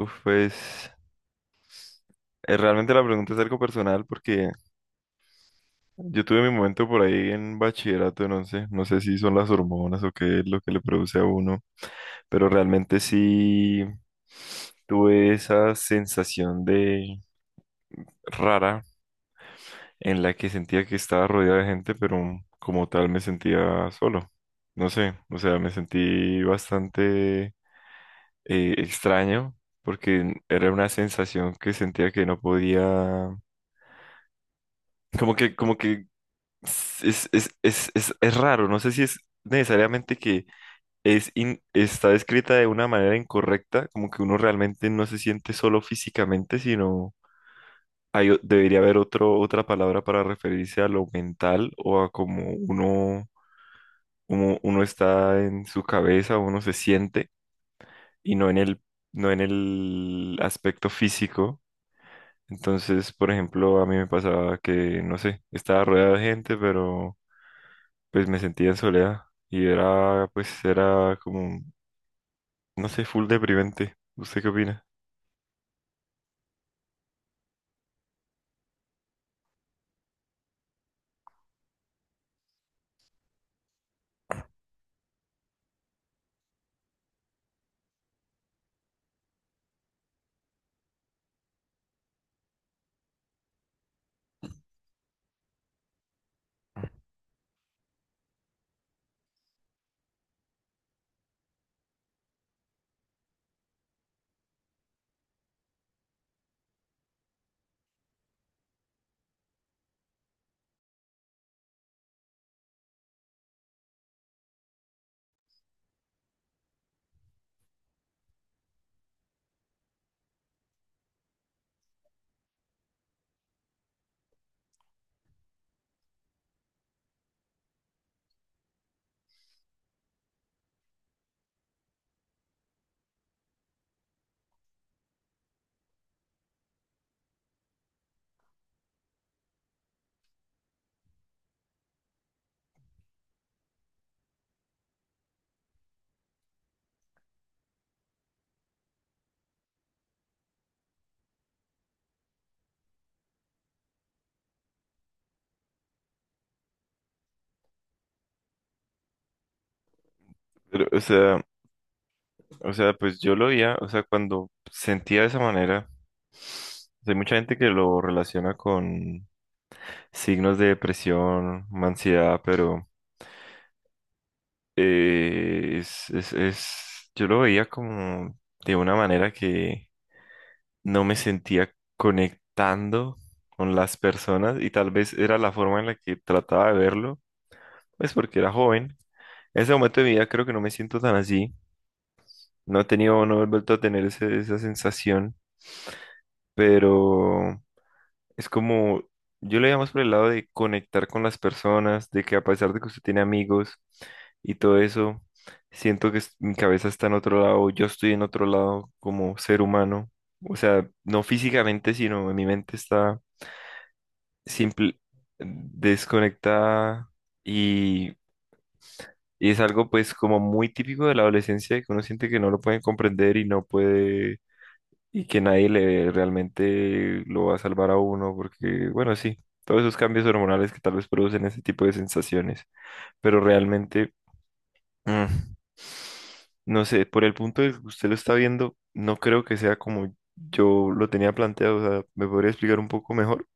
Uf, pues realmente la pregunta es algo personal porque yo tuve mi momento por ahí en bachillerato, no sé, no sé si son las hormonas o qué es lo que le produce a uno, pero realmente sí tuve esa sensación de rara en la que sentía que estaba rodeado de gente, pero como tal me sentía solo. No sé, o sea, me sentí bastante extraño porque era una sensación que sentía que no podía, como que es raro, no sé si es necesariamente que está escrita de una manera incorrecta, como que uno realmente no se siente solo físicamente, sino debería haber otro, otra palabra para referirse a lo mental o a cómo uno, uno está en su cabeza, uno se siente y no en el, no en el aspecto físico. Entonces, por ejemplo, a mí me pasaba que, no sé, estaba rodeado de gente, pero pues me sentía en soledad y era, pues era como, no sé, full deprimente. ¿Usted qué opina? Pero, o sea, pues yo lo veía, o sea, cuando sentía de esa manera, hay mucha gente que lo relaciona con signos de depresión, ansiedad, pero yo lo veía como de una manera que no me sentía conectando con las personas y tal vez era la forma en la que trataba de verlo, pues porque era joven. En ese momento de mi vida creo que no me siento tan así. No he tenido, no he vuelto a tener esa sensación, pero es como, yo lo llamo por el lado de conectar con las personas, de que a pesar de que usted tiene amigos y todo eso, siento que mi cabeza está en otro lado, yo estoy en otro lado como ser humano. O sea, no físicamente, sino en mi mente está simple, desconectada. Y, y es algo pues como muy típico de la adolescencia que uno siente que no lo pueden comprender y no puede y que nadie le realmente lo va a salvar a uno porque bueno, sí, todos esos cambios hormonales que tal vez producen ese tipo de sensaciones, pero realmente mm, no sé, por el punto de que usted lo está viendo, no creo que sea como yo lo tenía planteado. O sea, ¿me podría explicar un poco mejor?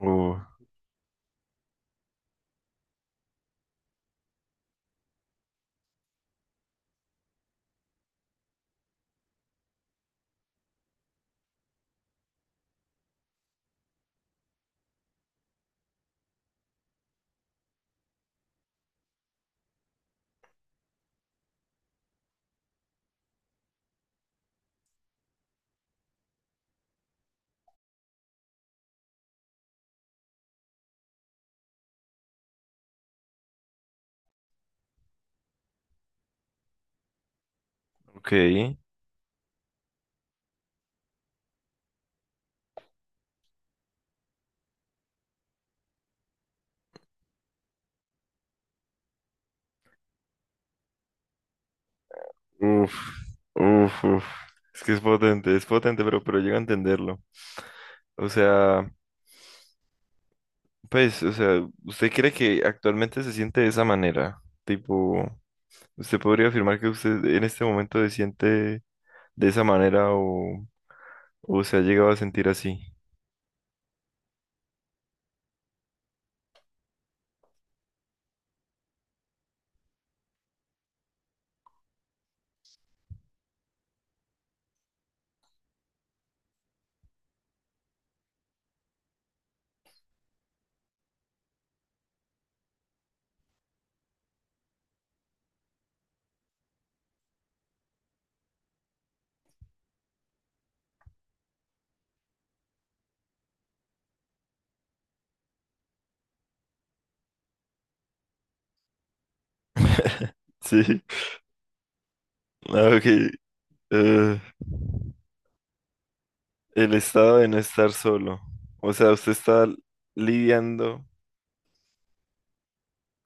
Oh, ok. Uf, uf, uf. Es que es potente, pero llego a entenderlo. O sea, pues, o sea, ¿usted cree que actualmente se siente de esa manera? Tipo, ¿usted podría afirmar que usted en este momento se siente de esa manera o se ha llegado a sentir así? Sí. Ah, ok. Eh, el estado de no estar solo. O sea, usted está lidiando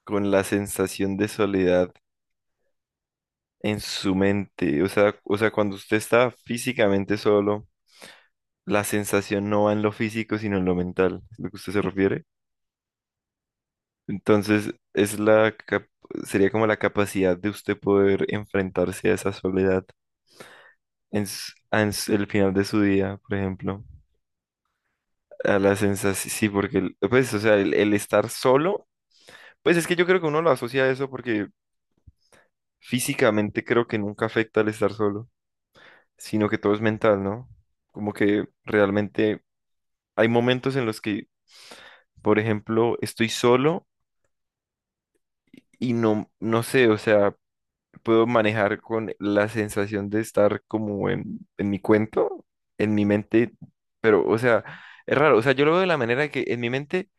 con la sensación de soledad en su mente. O sea, cuando usted está físicamente solo, la sensación no va en lo físico, sino en lo mental, ¿es lo que usted se refiere? Entonces, sería como la capacidad de usted poder enfrentarse a esa soledad en, el final de su día, por ejemplo. A la sensación, sí, porque, pues, o sea, el estar solo, pues es que yo creo que uno lo asocia a eso porque físicamente creo que nunca afecta el estar solo, sino que todo es mental, ¿no? Como que realmente hay momentos en los que, por ejemplo, estoy solo y no sé, o sea, puedo manejar con la sensación de estar como en mi cuento, en mi mente, pero, o sea, es raro, o sea, yo lo veo de la manera que en mi mente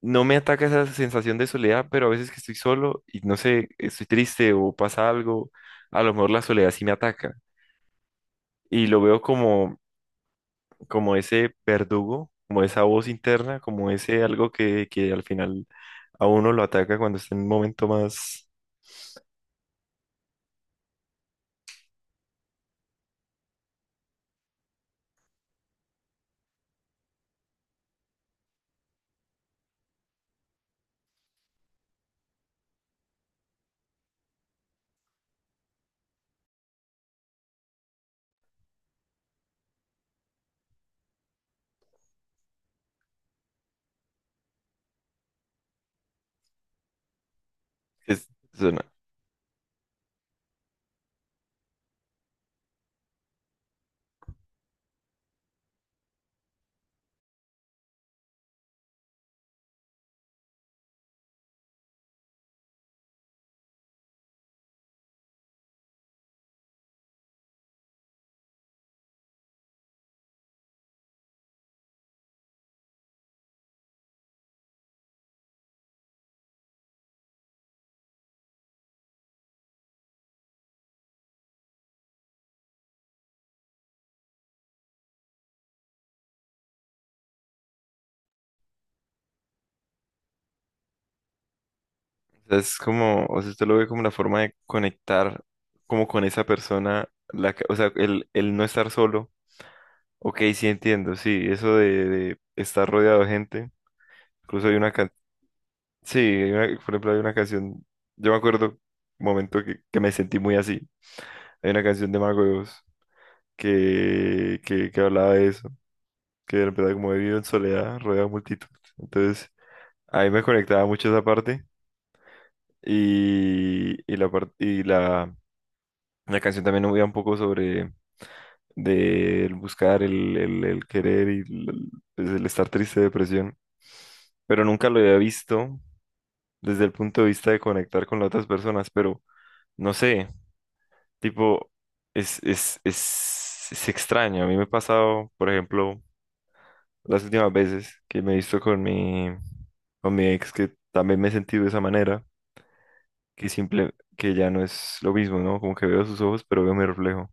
no me ataca esa sensación de soledad, pero a veces que estoy solo y no sé, estoy triste o pasa algo, a lo mejor la soledad sí me ataca. Y lo veo como, como ese verdugo, como esa voz interna, como ese algo que al final a uno lo ataca cuando está en un momento más. Es, suena- es como, o sea, usted lo ve como una forma de conectar como con esa persona, o sea, el no estar solo. Ok, sí entiendo, sí, eso de estar rodeado de gente. Incluso hay una canción, sí, por ejemplo, hay una canción, yo me acuerdo un momento que me sentí muy así. Hay una canción de Mago de Oz que hablaba de eso, que de verdad como he vivido en soledad, rodeado de multitud. Entonces, ahí me conectaba mucho esa parte y la canción también habla un poco sobre de el buscar, el querer y el, pues, el estar triste, depresión, pero nunca lo había visto desde el punto de vista de conectar con las otras personas, pero no sé, tipo, es extraño. A mí me ha pasado, por ejemplo, las últimas veces que me he visto con mi ex, que también me he sentido de esa manera, que simple, que ya no es lo mismo, ¿no? Como que veo sus ojos, pero veo mi reflejo.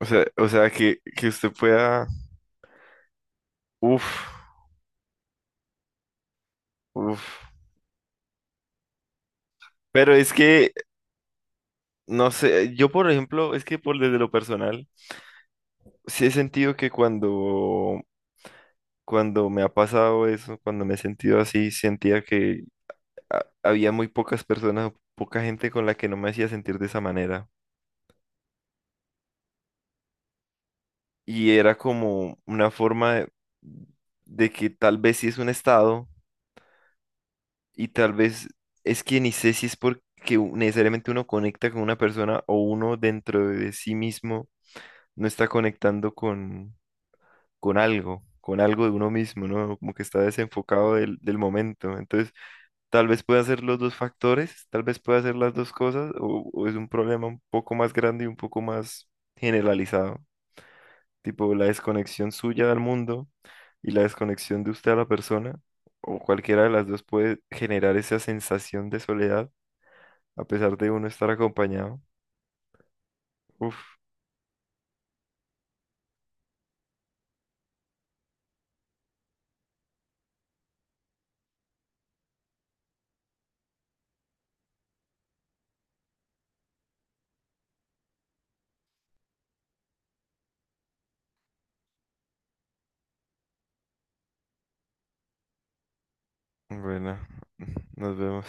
O sea que usted pueda. Uf, uf. Pero es que, no sé, yo por ejemplo, es que por desde lo personal, sí he sentido que cuando, cuando me ha pasado eso, cuando me he sentido así, sentía que había muy pocas personas, poca gente con la que no me hacía sentir de esa manera. Y era como una forma de que tal vez sí es un estado y tal vez es que ni sé si es porque necesariamente uno conecta con una persona o uno dentro de sí mismo no está conectando con algo de uno mismo, ¿no? Como que está desenfocado del, del momento. Entonces, tal vez pueda ser los dos factores, tal vez pueda ser las dos cosas o es un problema un poco más grande y un poco más generalizado. Tipo la desconexión suya del mundo y la desconexión de usted a la persona, o cualquiera de las dos puede generar esa sensación de soledad a pesar de uno estar acompañado. Uf, bueno, nos vemos.